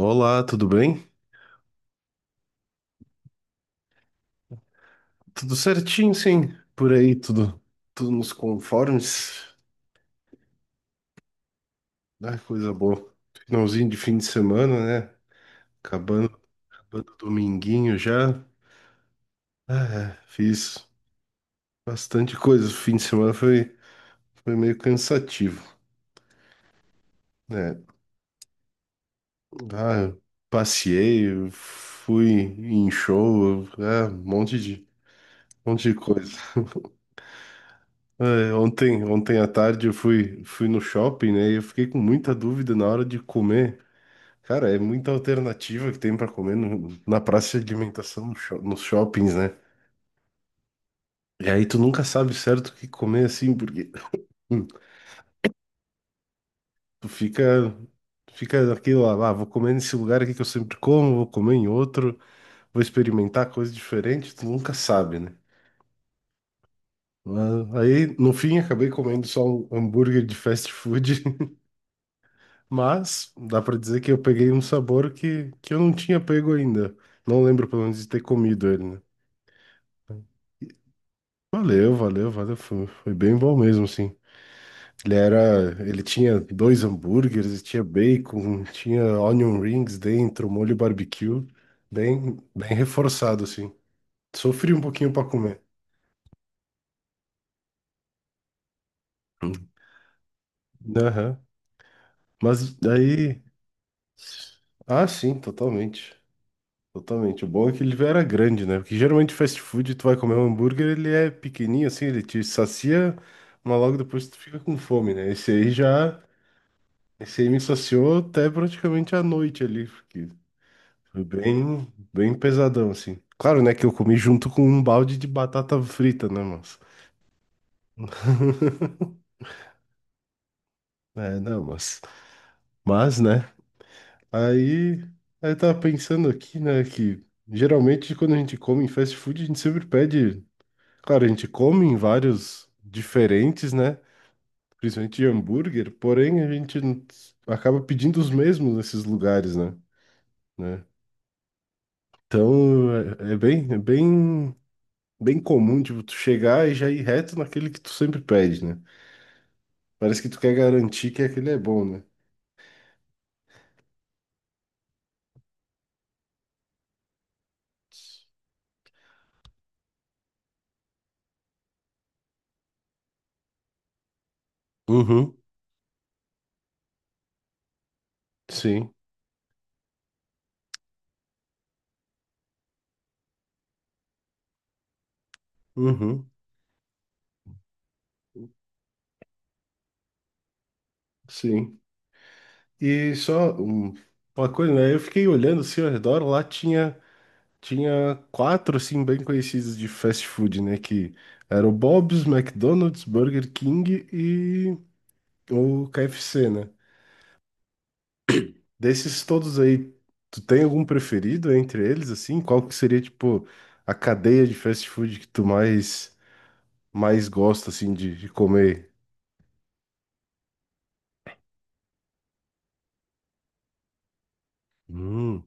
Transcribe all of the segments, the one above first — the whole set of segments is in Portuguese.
Olá, tudo bem? Tudo certinho, sim. Por aí, tudo, tudo nos conformes. Ah, coisa boa. Finalzinho de fim de semana, né? Acabando, acabando o dominguinho já. Ah, é, fiz bastante coisa. O fim de semana foi, foi meio cansativo, né? Ah, eu passeei, eu fui em show, ah, um monte de coisa. Ah, é, ontem, ontem à tarde eu fui, fui no shopping, né? E eu fiquei com muita dúvida na hora de comer. Cara, é muita alternativa que tem pra comer na praça de alimentação, no sho- nos shoppings, né? E aí tu nunca sabe certo o que comer assim, porque hum, tu fica, fica naquilo lá, ah, vou comer nesse lugar aqui que eu sempre como, vou comer em outro, vou experimentar coisa diferente, tu nunca sabe, né? Mas aí, no fim, acabei comendo só um hambúrguer de fast food, mas dá pra dizer que eu peguei um sabor que eu não tinha pego ainda. Não lembro, pelo menos, de ter comido ele, né? Valeu, valeu, valeu. Foi, foi bem bom mesmo, sim. Ele era, ele tinha dois hambúrgueres, e tinha bacon, tinha onion rings dentro, molho barbecue, bem, bem reforçado, assim. Sofri um pouquinho para comer. Aham. Mas daí, ah, sim, totalmente. Totalmente. O bom é que ele era grande, né? Porque geralmente fast food, tu vai comer um hambúrguer, ele é pequenininho assim, ele te sacia, mas logo depois tu fica com fome, né? Esse aí me saciou até praticamente à noite ali, porque foi bem, bem pesadão, assim. Claro, né, que eu comi junto com um balde de batata frita, né, moço? É, não, mas, né, aí, aí eu tava pensando aqui, né, que geralmente quando a gente come em fast food, a gente sempre pede, claro, a gente come em vários diferentes, né, principalmente de hambúrguer, porém a gente não- acaba pedindo os mesmos nesses lugares, né, né, então é bem, é bem bem comum, tipo, tu chegar e já ir reto naquele que tu sempre pede, né? Parece que tu quer garantir que aquele é bom, né? Uhum, sim, uhum, sim. E só uma coisa, né? Eu fiquei olhando assim ao redor, lá tinha, tinha quatro, assim, bem conhecidos de fast food, né? Que era o Bob's, McDonald's, Burger King e o KFC, né? Desses todos aí, tu tem algum preferido entre eles, assim? Qual que seria, tipo, a cadeia de fast food que tu mais, mais gosta, assim, de comer? Hum,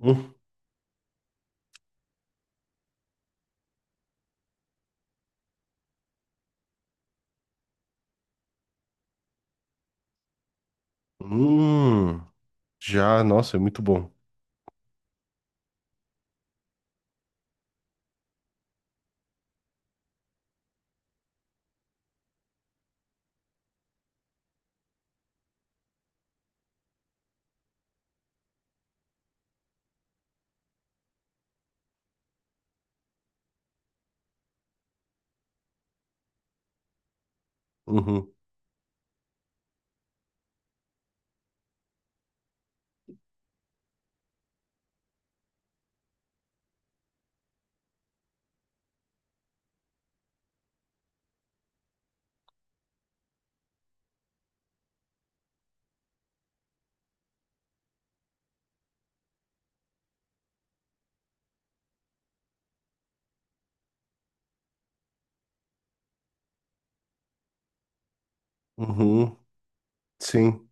hum, hum, já, nossa, é muito bom. Uhum, uhum, sim.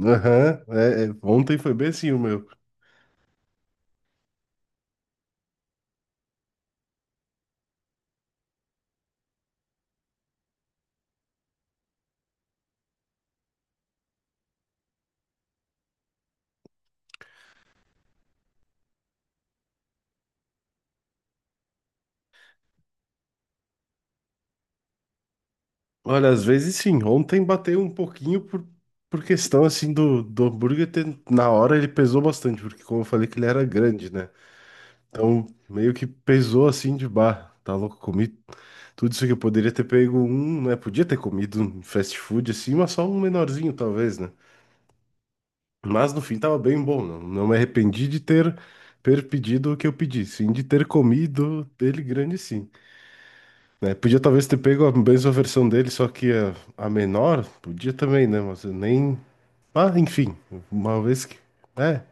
Aham, é, é, ontem foi bem assim o meu. Olha, às vezes sim, ontem bateu um pouquinho por questão, assim, do hambúrguer ter, na hora ele pesou bastante, porque como eu falei que ele era grande, né? Então, meio que pesou assim de bar. Tá louco, comi tudo isso que eu poderia ter pego um, né? Podia ter comido um fast food assim, mas só um menorzinho talvez, né? Mas no fim tava bem bom, não, não me arrependi de ter, ter pedido o que eu pedi, sim, de ter comido dele grande sim. Né? Podia talvez ter pego a mesma versão dele, só que a menor, podia também, né? Mas eu nem... Ah, enfim, uma vez que... É,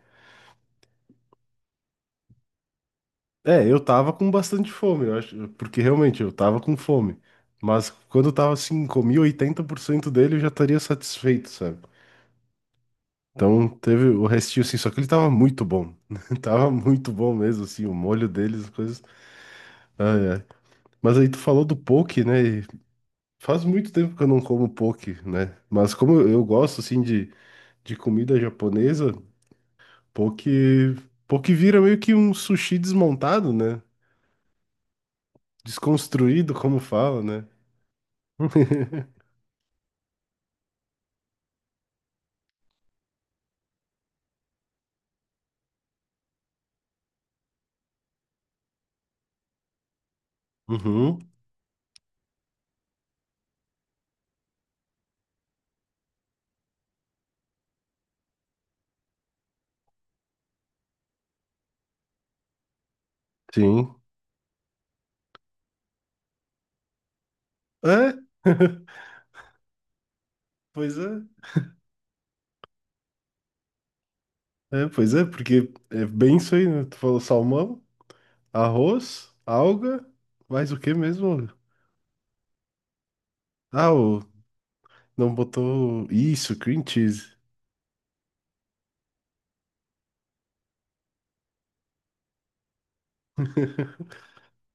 é, eu tava com bastante fome, eu acho, porque realmente eu tava com fome. Mas quando eu tava assim, comi 80% dele, eu já estaria satisfeito, sabe? Então teve o restinho assim, só que ele tava muito bom. Tava muito bom mesmo, assim, o molho deles, as coisas. Ai, ai. Mas aí tu falou do poke, né? E faz muito tempo que eu não como poke, né? Mas como eu gosto, assim, de comida japonesa, poke, poke vira meio que um sushi desmontado, né? Desconstruído, como fala, né? Uhum, sim. É? Pois é. É, pois é, porque é bem isso aí, né? Tu falou salmão, arroz, alga, mais o que mesmo? Ah, o, não botou isso, cream cheese.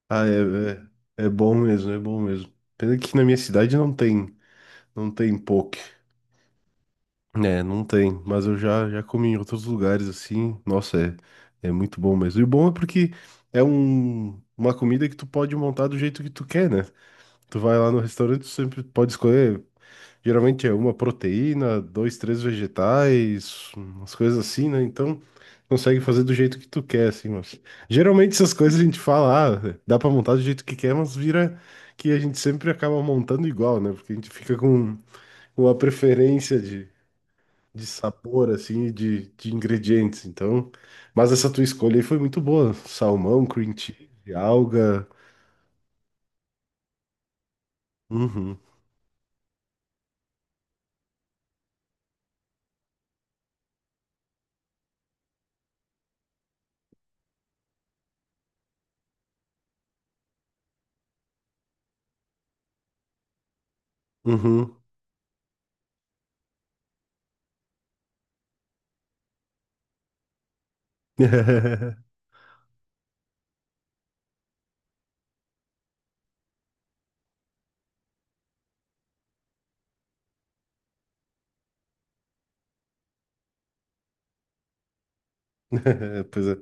Ah, é, é, é bom mesmo, é bom mesmo. Pena que na minha cidade não tem, não tem poke. É, não tem, mas eu já, já comi em outros lugares assim. Nossa, é, é muito bom mesmo. E o bom é porque é um, uma comida que tu pode montar do jeito que tu quer, né? Tu vai lá no restaurante, tu sempre pode escolher. Geralmente é uma proteína, dois, três vegetais, umas coisas assim, né? Então, consegue fazer do jeito que tu quer, assim, mas... Geralmente essas coisas a gente fala, ah, dá pra montar do jeito que quer, mas vira que a gente sempre acaba montando igual, né? Porque a gente fica com uma preferência de sabor, assim, e de ingredientes, então... Mas essa tua escolha aí foi muito boa. Salmão, cream cheese, alga... Uhum, uhum. Pois é.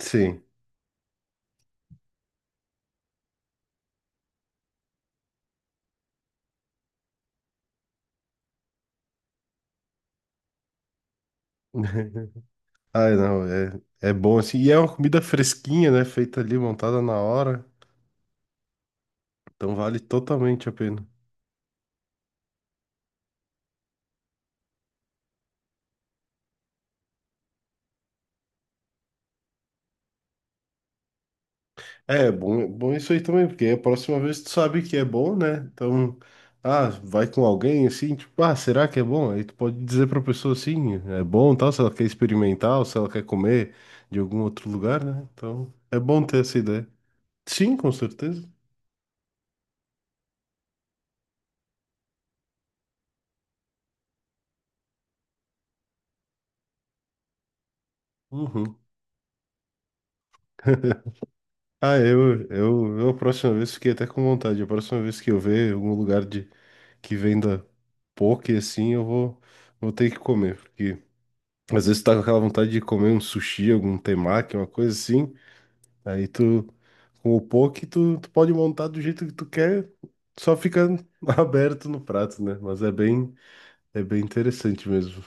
Sim. Ai, não, é, é bom assim. E é uma comida fresquinha, né? Feita ali, montada na hora. Então vale totalmente a pena. É, é bom isso aí também, porque a próxima vez tu sabe que é bom, né? Então, ah, vai com alguém assim, tipo, ah, será que é bom? Aí tu pode dizer pra pessoa assim, é bom, tal, se ela quer experimentar ou se ela quer comer de algum outro lugar, né? Então, é bom ter essa ideia. Sim, com certeza. Uhum. Ah, eu a próxima vez fiquei até com vontade. A próxima vez que eu ver algum lugar de, que venda poke assim, eu vou, vou ter que comer. Porque às vezes tá com aquela vontade de comer um sushi, algum temaki, uma coisa assim. Aí tu, com o poke, tu, tu pode montar do jeito que tu quer, só fica aberto no prato, né? Mas é bem interessante mesmo.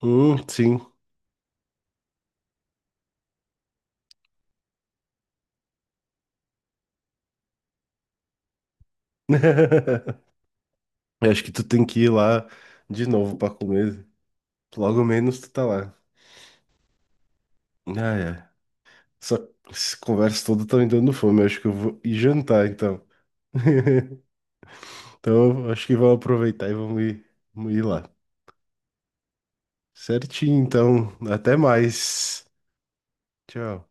Sim. Eu acho que tu tem que ir lá de novo pra comer. Logo menos tu tá lá. Ah, é. Essa conversa toda tá me dando fome. Acho que eu vou ir jantar, então. Então, acho que vamos aproveitar e vamos ir lá. Certinho, então. Até mais. Tchau.